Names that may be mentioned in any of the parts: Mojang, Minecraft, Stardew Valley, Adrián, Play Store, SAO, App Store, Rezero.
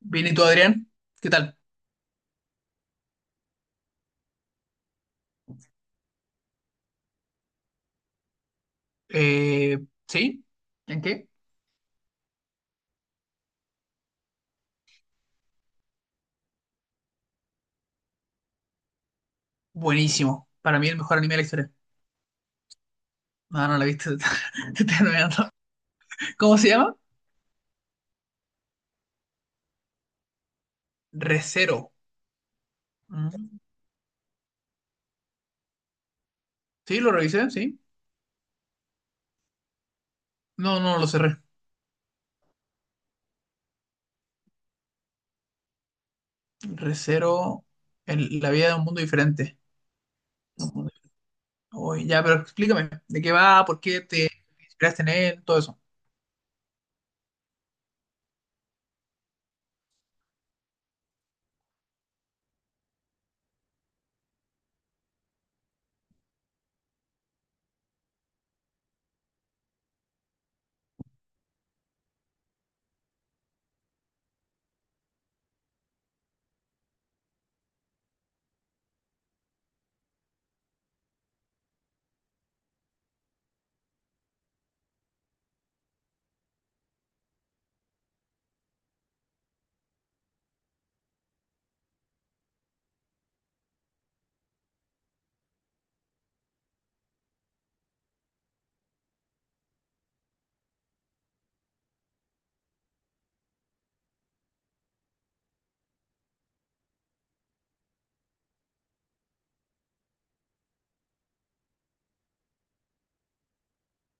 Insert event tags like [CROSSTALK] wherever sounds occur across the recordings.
Bien, ¿y tú, Adrián? ¿Qué tal? Eh, ¿Sí? ¿En qué? Buenísimo. Para mí el mejor anime de la historia. No, no la viste. [LAUGHS] Te estoy enredando. ¿Cómo se llama? Rezero. Mm. Sí, lo revisé, sí. No, no lo cerré. Rezero, la vida de un mundo diferente. Un mundo- Uy, ya, pero explícame. ¿De qué va? ¿Por qué te inspiraste en él? Todo eso.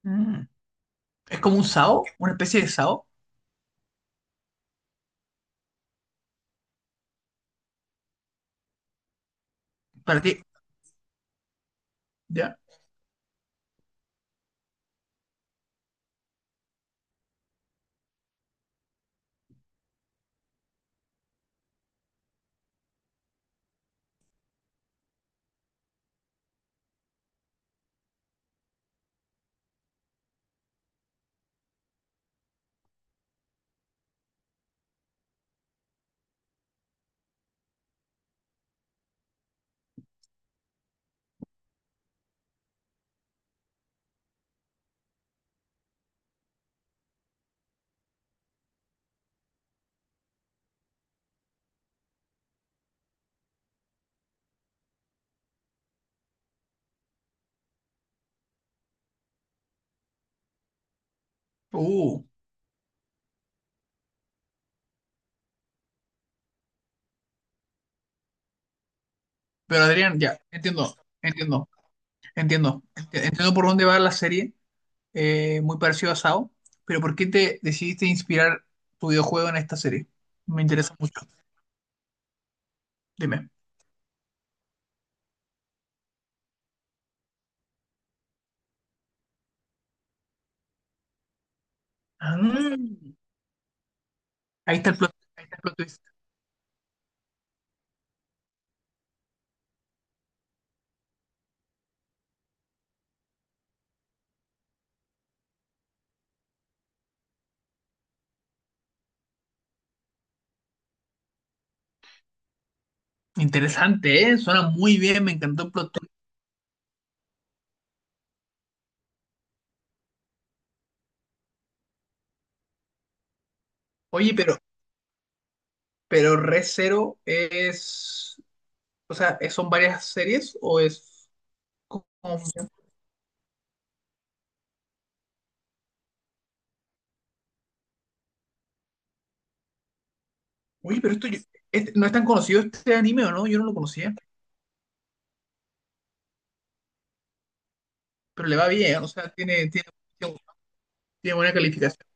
Mm. ¿Es como un SAO? ¿Una especie de SAO? ¿Para ti? ¿Ya? Uh. Pero Adrián, ya. Entiendo. Entiendo. Entiendo, entiendo por dónde va la serie, muy parecido a SAO, pero ¿por qué te decidiste inspirar tu videojuego en esta serie? Me interesa mucho, dime. Ah, ahí está el plot, ahí está el plot twist. Interesante, ¿eh? Suena muy bien, me encantó el plot twist. Oye, pero Re Zero es, o sea, ¿son varias series o es... como- Oye, pero no es tan conocido este anime, ¿o no? Yo no lo conocía, pero le va bien, o sea, tiene buena calificación.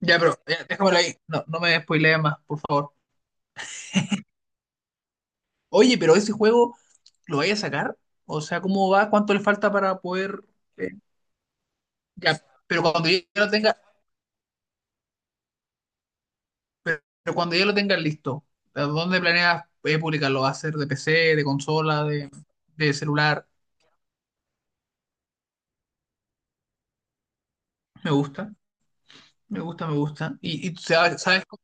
Ya, pero ya, déjamelo ahí. No, no me spoilees más, por favor. Oye, pero ese juego, ¿lo vais a sacar? O sea, ¿cómo va? ¿Cuánto le falta para poder? eh, ya, pero cuando ya lo tenga, pero cuando ya lo tengas listo, ¿a ¿dónde planeas publicarlo? ¿Va a ser de PC, de consola, de celular? Me gusta, me gusta, me gusta. ¿Y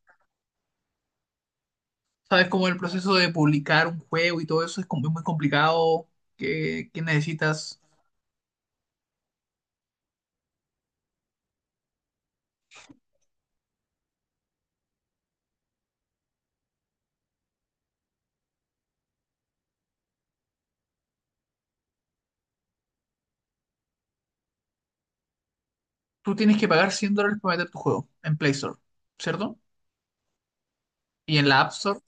sabes cómo el proceso de publicar un juego y todo eso es como muy complicado? Que necesitas? Tú tienes que pagar $100 para meter tu juego en Play Store, ¿cierto? Y en la App Store,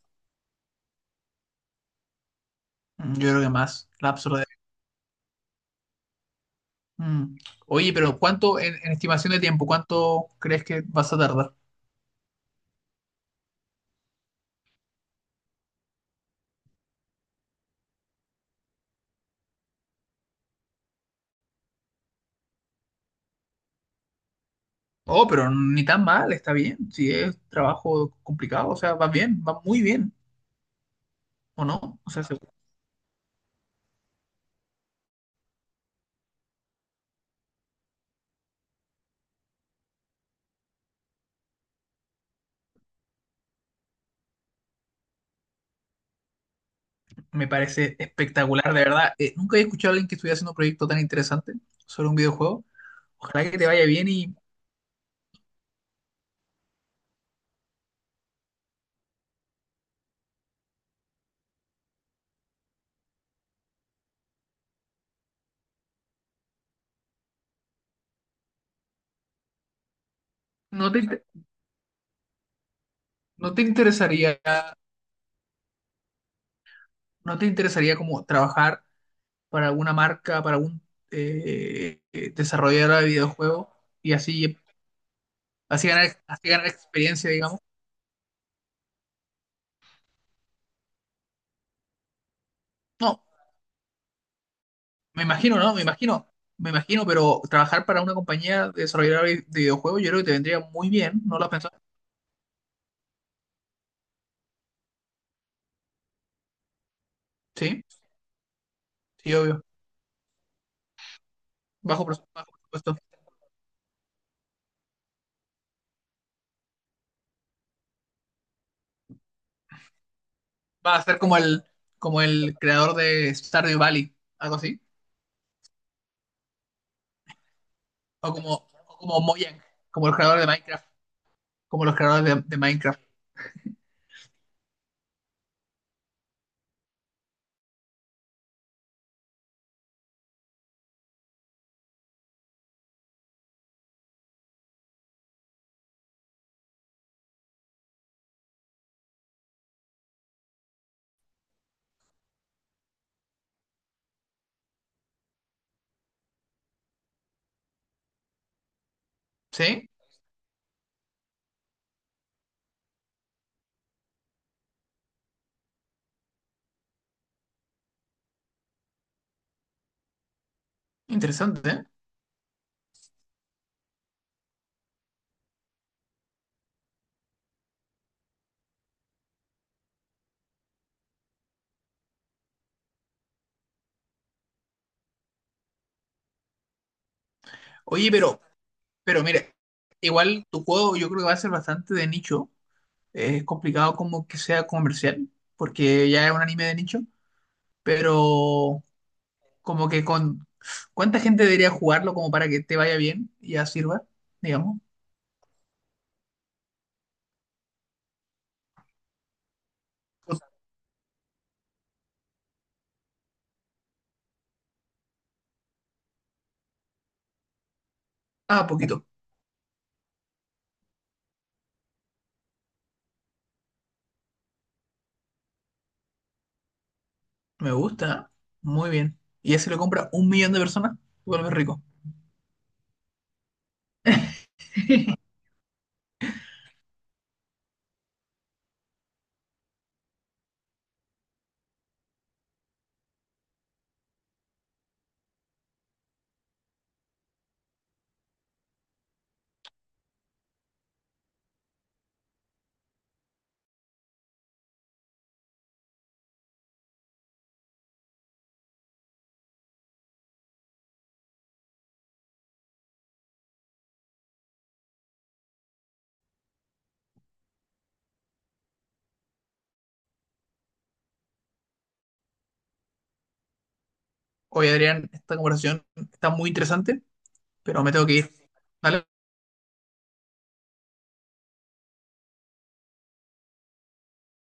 yo creo que más. La App Store. Mm. Oye, pero ¿cuánto en estimación de tiempo? ¿Cuánto crees que vas a tardar? Oh, pero ni tan mal, está bien. Si es trabajo complicado, o sea, va bien, va muy bien, ¿o no? Me parece espectacular, de verdad. Nunca he escuchado a alguien que estuviera haciendo un proyecto tan interesante sobre un videojuego. Ojalá que te vaya bien y no te, inter- no te interesaría, no te interesaría como trabajar para alguna marca, para algún desarrollador de videojuegos y así ganar experiencia, digamos. No, me imagino, ¿no? Me imagino, pero trabajar para una compañía desarrolladora de videojuegos yo creo que te vendría muy bien, ¿no lo has pensado? Sí, sí, obvio. Bajo presupuesto. Va a ser como el creador de Stardew Valley, algo así. O como, o como Mojang, como el creador de Minecraft, como los creadores de Minecraft. ¿Sí? Interesante, ¿eh? Oye, pero mire, igual tu juego yo creo que va a ser bastante de nicho. Es complicado como que sea comercial, porque ya es un anime de nicho, pero como que con... ¿Cuánta gente debería jugarlo como para que te vaya bien y ya sirva, digamos? Ah, poquito. Me gusta. Muy bien. Y ese lo compra 1 millón de personas, vuelve rico. [LAUGHS] Oye, Adrián, esta conversación está muy interesante, pero me tengo que ir. ¿Vale?